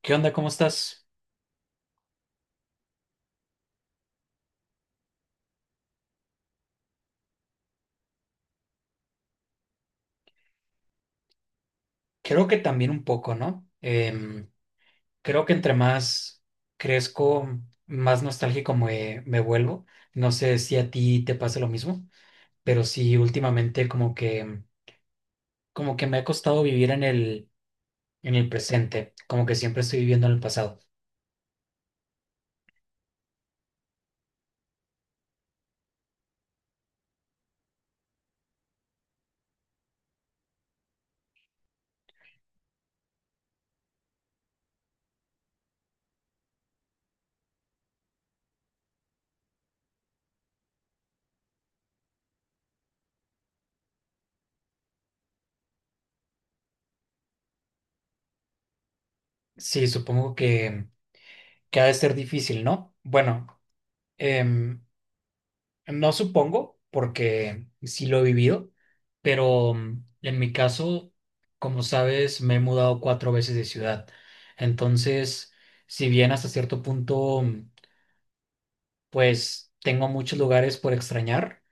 ¿Qué onda? ¿Cómo estás? Creo que también un poco, ¿no? Creo que entre más crezco, más nostálgico me vuelvo. No sé si a ti te pasa lo mismo, pero sí últimamente como que me ha costado vivir en en el presente, como que siempre estoy viviendo en el pasado. Sí, supongo que ha de ser difícil, ¿no? Bueno, em, no supongo, porque sí lo he vivido, pero en mi caso, como sabes, me he mudado cuatro veces de ciudad. Entonces, si bien hasta cierto punto, pues tengo muchos lugares por extrañar,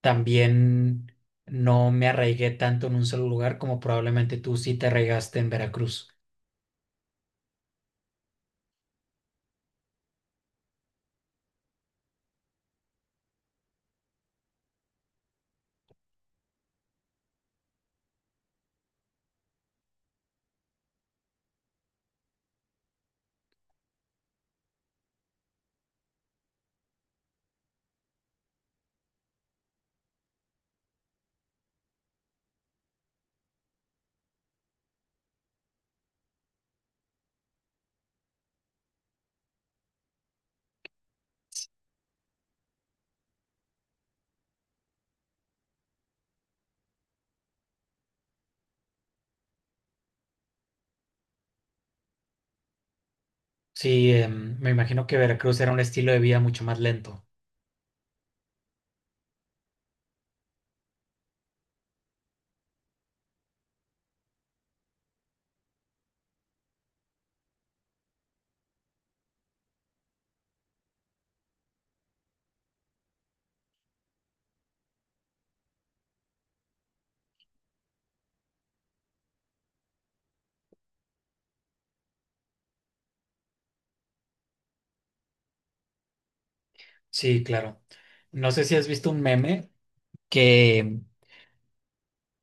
también no me arraigué tanto en un solo lugar como probablemente tú sí te arraigaste en Veracruz. Sí, me imagino que Veracruz era un estilo de vida mucho más lento. Sí, claro. No sé si has visto un meme que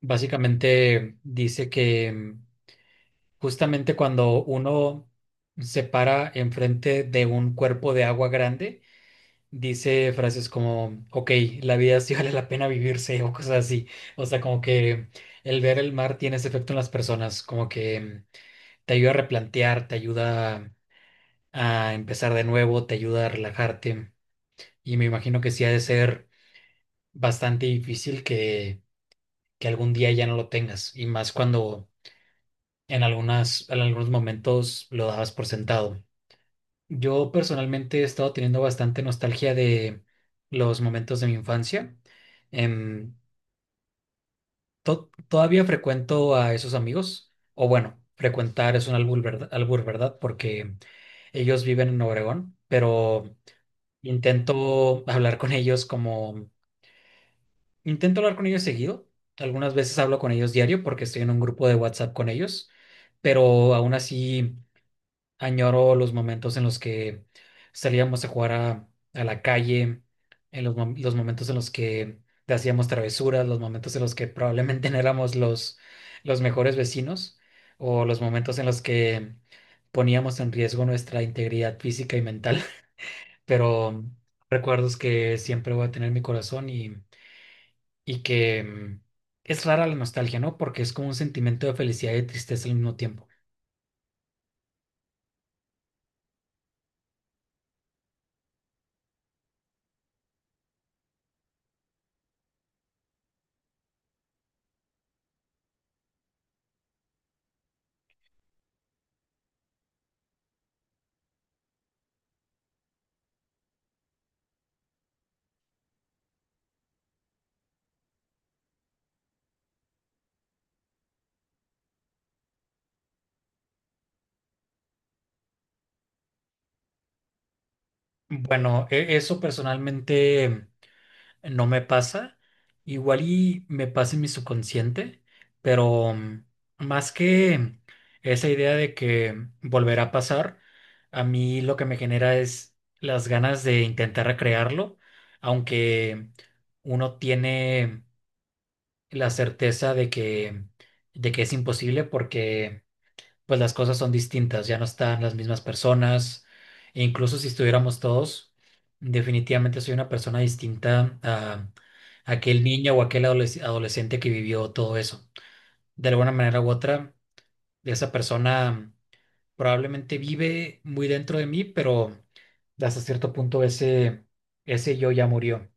básicamente dice que, justamente cuando uno se para enfrente de un cuerpo de agua grande, dice frases como, ok, la vida sí vale la pena vivirse o cosas así. O sea, como que el ver el mar tiene ese efecto en las personas, como que, te ayuda a replantear, te ayuda a empezar de nuevo, te ayuda a relajarte. Y me imagino que sí ha de ser bastante difícil que algún día ya no lo tengas, y más cuando en en algunos momentos lo dabas por sentado. Yo personalmente he estado teniendo bastante nostalgia de los momentos de mi infancia. Em, Todavía frecuento a esos amigos, o bueno, frecuentar es un albur, ¿verdad? Albur, ¿verdad? Porque ellos viven en Obregón, pero intento hablar con ellos como, intento hablar con ellos seguido. Algunas veces hablo con ellos diario porque estoy en un grupo de WhatsApp con ellos, pero aún así añoro los momentos en los que salíamos a jugar a la calle, en los momentos en los que hacíamos travesuras, los momentos en los que probablemente no éramos los mejores vecinos, o los momentos en los que poníamos en riesgo nuestra integridad física y mental, pero recuerdos que siempre voy a tener en mi corazón y es rara la nostalgia, ¿no? Porque es como un sentimiento de felicidad y de tristeza al mismo tiempo. Bueno, eso personalmente no me pasa. Igual y me pasa en mi subconsciente, pero, más que esa idea de que volverá a pasar, a mí lo que me genera es las ganas de intentar recrearlo, aunque uno tiene la certeza de de que es imposible porque pues las cosas son distintas, ya no están las mismas personas, e incluso si estuviéramos todos, definitivamente soy una persona distinta a aquel niño o aquel adolescente que vivió todo eso. De alguna manera u otra, esa persona probablemente vive muy dentro de mí, pero hasta cierto punto ese yo ya murió.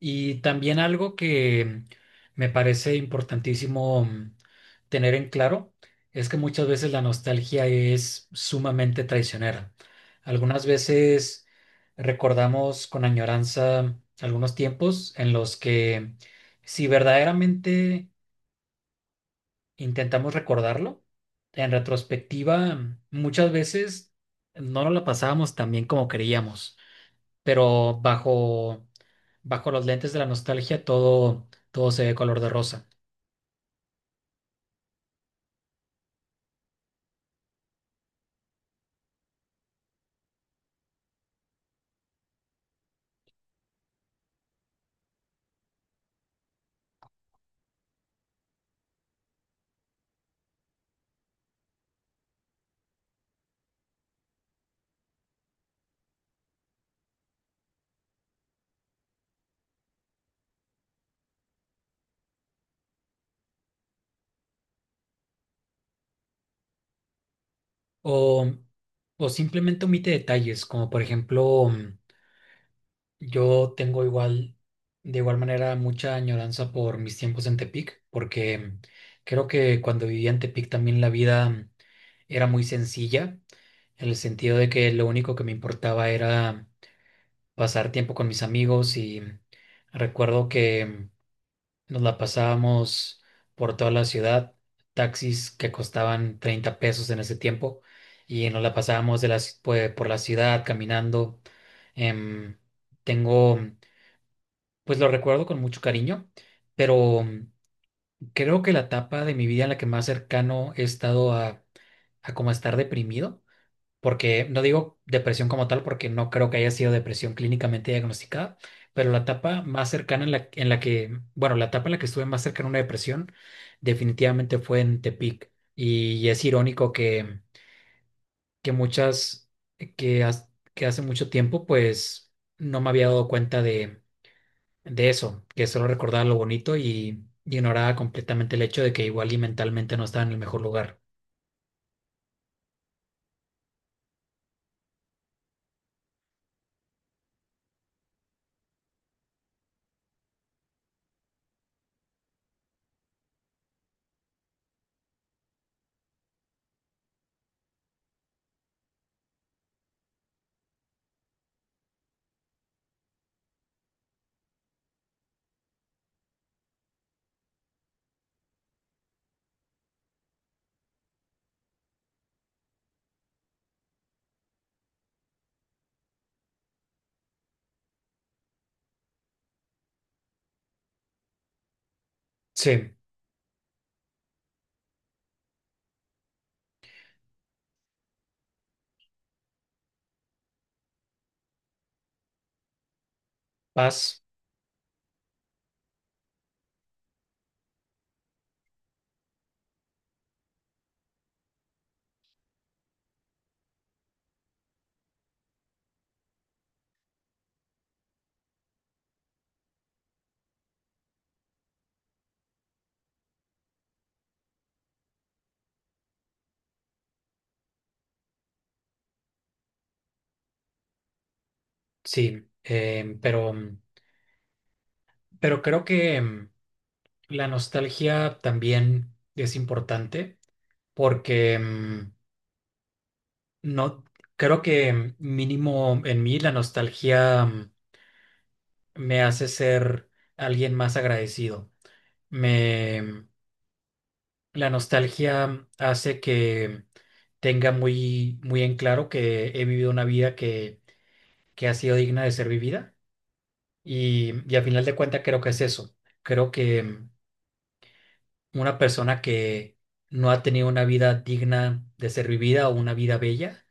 Y también algo que me parece importantísimo, tener en claro es que muchas veces la nostalgia es sumamente traicionera. Algunas veces recordamos con añoranza algunos tiempos en los que si verdaderamente intentamos recordarlo, en retrospectiva muchas veces no nos la pasábamos tan bien como creíamos, pero bajo los lentes de la nostalgia todo se ve color de rosa. O, o simplemente omite detalles, como por ejemplo, yo tengo igual, de igual manera, mucha añoranza por mis tiempos en Tepic, porque, creo que cuando vivía en Tepic también la vida, era muy sencilla, en el sentido de que lo único que me importaba era pasar tiempo con mis amigos y, recuerdo que nos la pasábamos por toda la ciudad, taxis que costaban 30 pesos en ese tiempo, y nos la pasábamos de la por la ciudad caminando. Em, Tengo, pues lo recuerdo con mucho cariño, pero, creo que la etapa de mi vida en la que más cercano he estado a como estar deprimido, porque no digo depresión como tal, porque no creo que haya sido depresión clínicamente diagnosticada, pero la etapa más cercana en la que, bueno, la etapa en la que estuve más cercana a una depresión definitivamente fue en Tepic. Y es irónico que muchas, que, has- que hace mucho tiempo, pues no me había dado cuenta de eso, que solo recordaba lo bonito y ignoraba completamente el hecho de que igual y mentalmente no estaba en el mejor lugar. Sí, paz, sí, pero creo que, la nostalgia también es importante porque, no creo que, mínimo en mí la nostalgia, me hace ser alguien más agradecido. Me mm, la nostalgia, hace que tenga muy muy en claro que he vivido una vida que ha sido digna de ser vivida, y a final de cuentas creo que es eso. Creo que, una persona que no ha tenido una vida digna de ser vivida o una vida bella,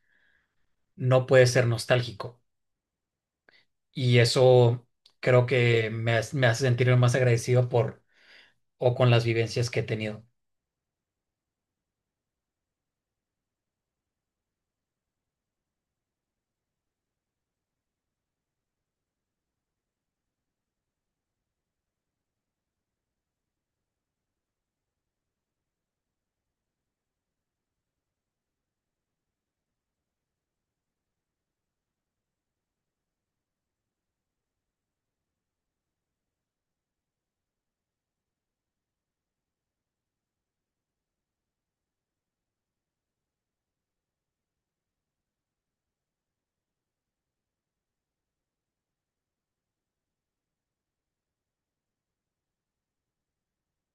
no puede ser nostálgico. Y eso creo que me hace sentirme más agradecido por o con las vivencias que he tenido.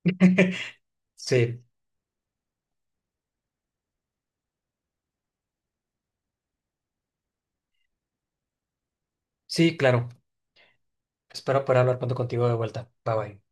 Sí, sí, claro. Espero poder hablar pronto contigo de vuelta. Bye bye.